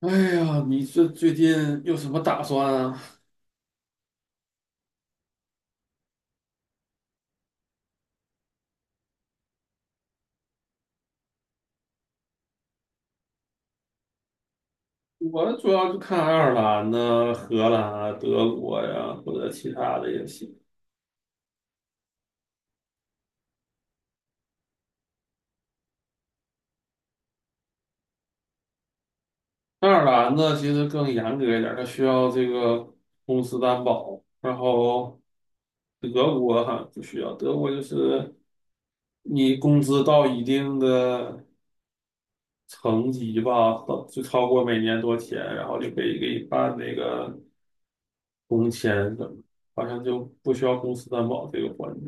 哎呀，你这最近有什么打算啊？我主要就看爱尔兰呢、荷兰啊、德国呀，或者其他的也行。爱尔兰呢，其实更严格一点儿，它需要这个公司担保。然后德国哈不需要，德国就是你工资到一定的层级吧，到就超过每年多钱，然后就可以给你办那个工签什么，好像就不需要公司担保这个环节。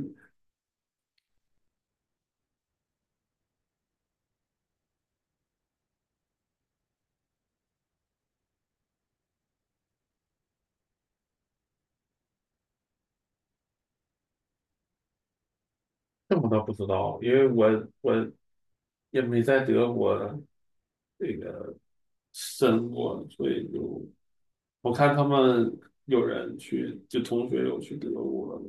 这我倒不知道，因为我也没在德国这个申过，所以就我看他们有人去，就同学有去德国。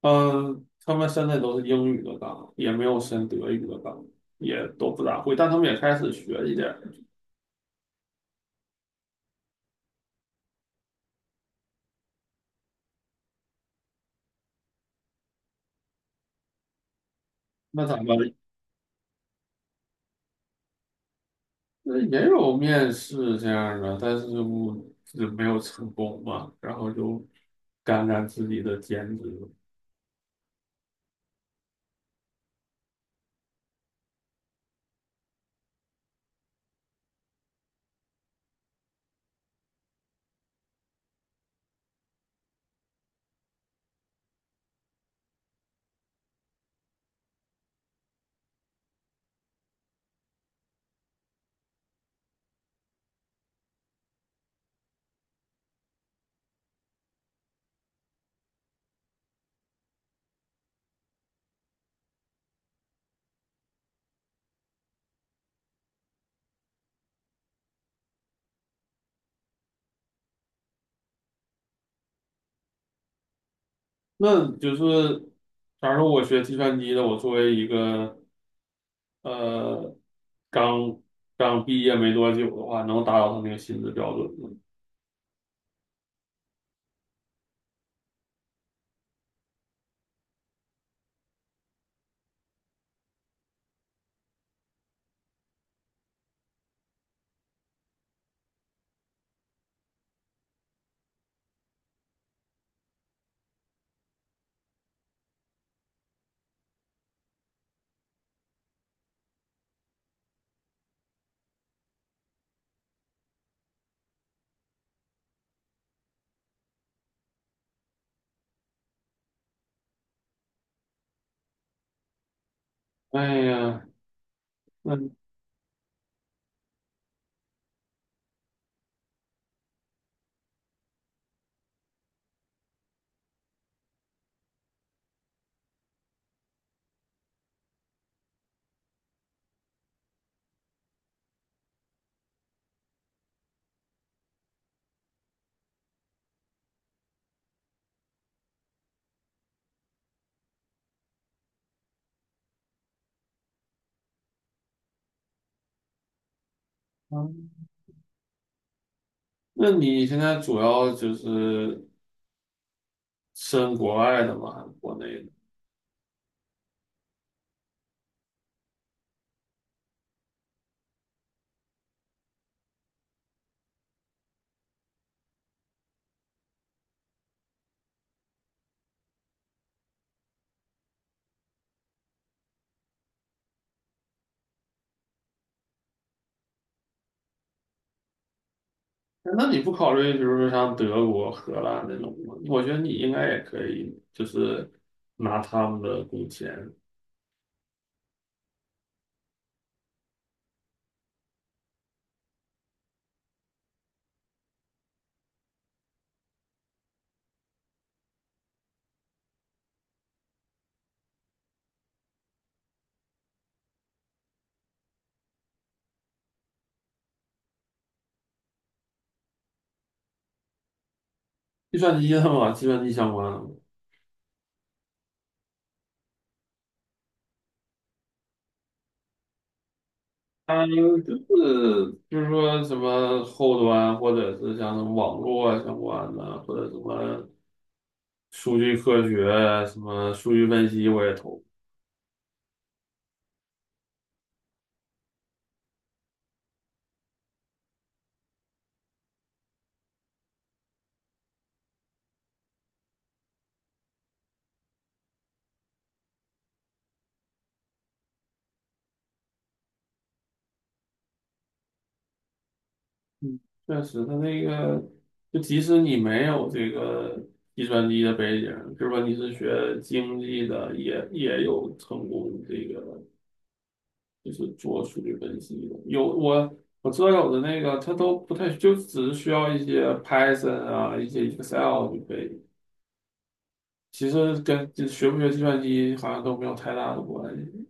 嗯，他们现在都是英语的岗，也没有申德语的岗，也都不咋会，但他们也开始学一点儿。那咱们那也有面试这样的，但是我就没有成功嘛，然后就干干自己的兼职。那就是，假如说我学计算机的，我作为一个呃刚刚毕业没多久的话，能达到他那个薪资标准吗？哎呀，那嗯那你现在主要就是申国外的吗？还是国内的？哎那你不考虑，比如说像德国、荷兰那种吗？我觉得你应该也可以，就是拿他们的工钱。计算机的嘛，计算机相关的。它有就是说什么后端，或者是像什么网络啊相关的，或者什么数据科学啊、什么数据分析，我也投。嗯，确实，它那个就即使你没有这个计算机的背景，是说你是学经济的，也有成功这个就是做数据分析的。有我知道有的那个他都不太，就只是需要一些 Python 啊，一些 Excel 就可以。其实跟这学不学计算机好像都没有太大的关系。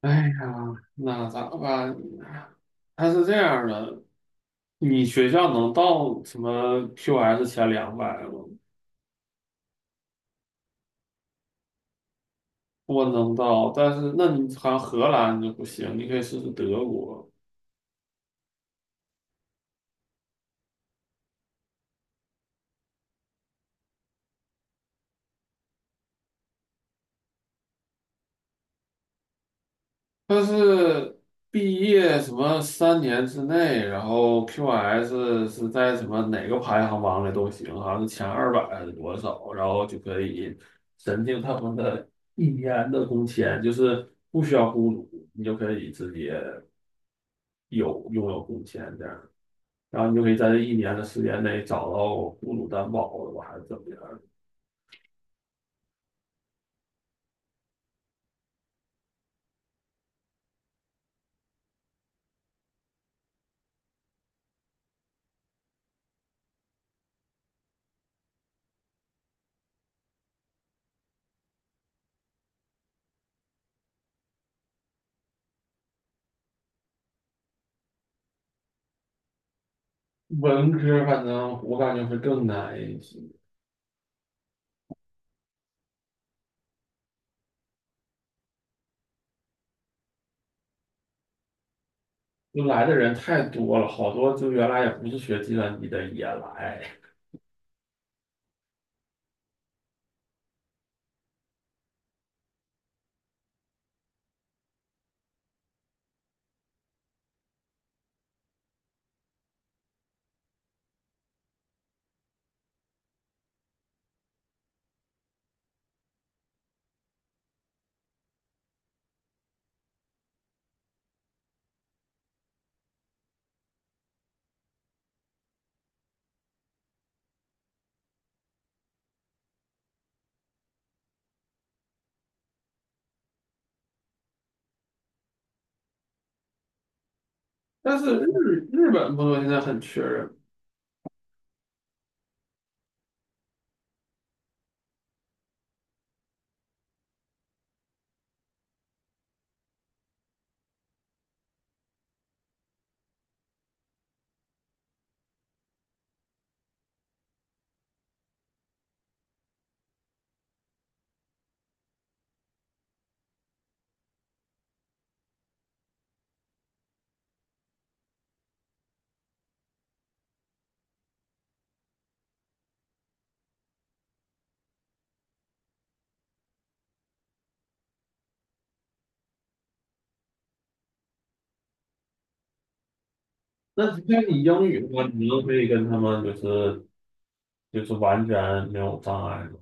哎呀，那咋办？它是这样的，你学校能到什么 QS 前200吗？我能到，但是那你好像荷兰就不行，你可以试试德国。它是毕业什么3年之内，然后 QS 是在什么哪个排行榜里都行，好像是前200还是多少，然后就可以申请他们的 一年的工签，就是不需要雇主，你就可以直接有拥有工签这样，然后你就可以在这一年的时间内找到雇主担保了吧，还是怎么样？文科反正我感觉会更难一些。就来的人太多了，好多就原来也不是学计算机的也来。但是日本朋友现在很缺人。那你英语的话，你就可以跟他们就是就是完全没有障碍嘛。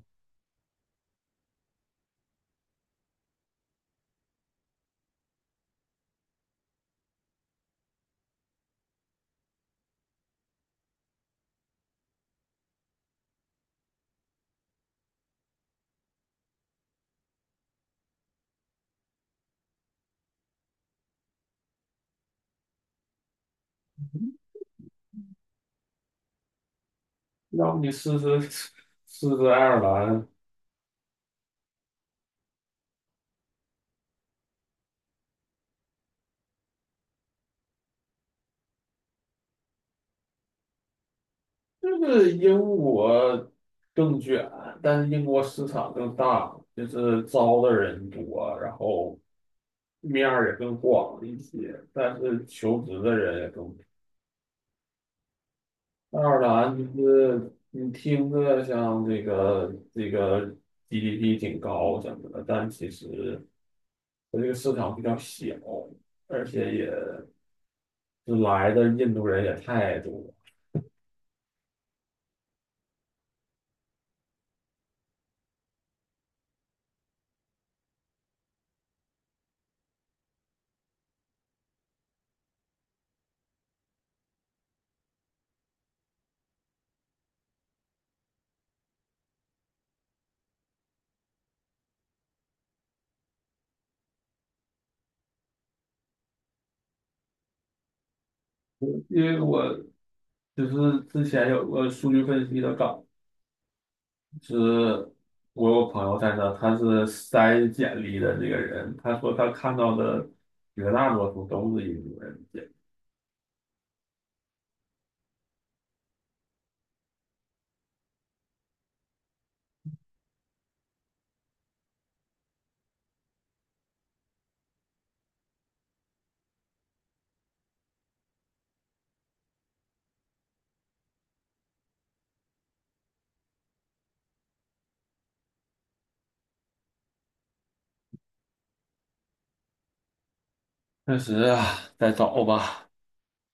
要不你试试爱尔兰。就是英国更卷，但是英国市场更大，就是招的人多，然后面儿也更广一些，但是求职的人也更。爱尔兰就是你听着像这个 GDP 挺高什么的，但其实它这个市场比较小，而且也就来的印度人也太多了。因为我就是之前有个数据分析的岗，是我有朋友在那，他是筛简历的这个人，他说他看到的绝大多数都是印度人简历。确实啊，再找吧。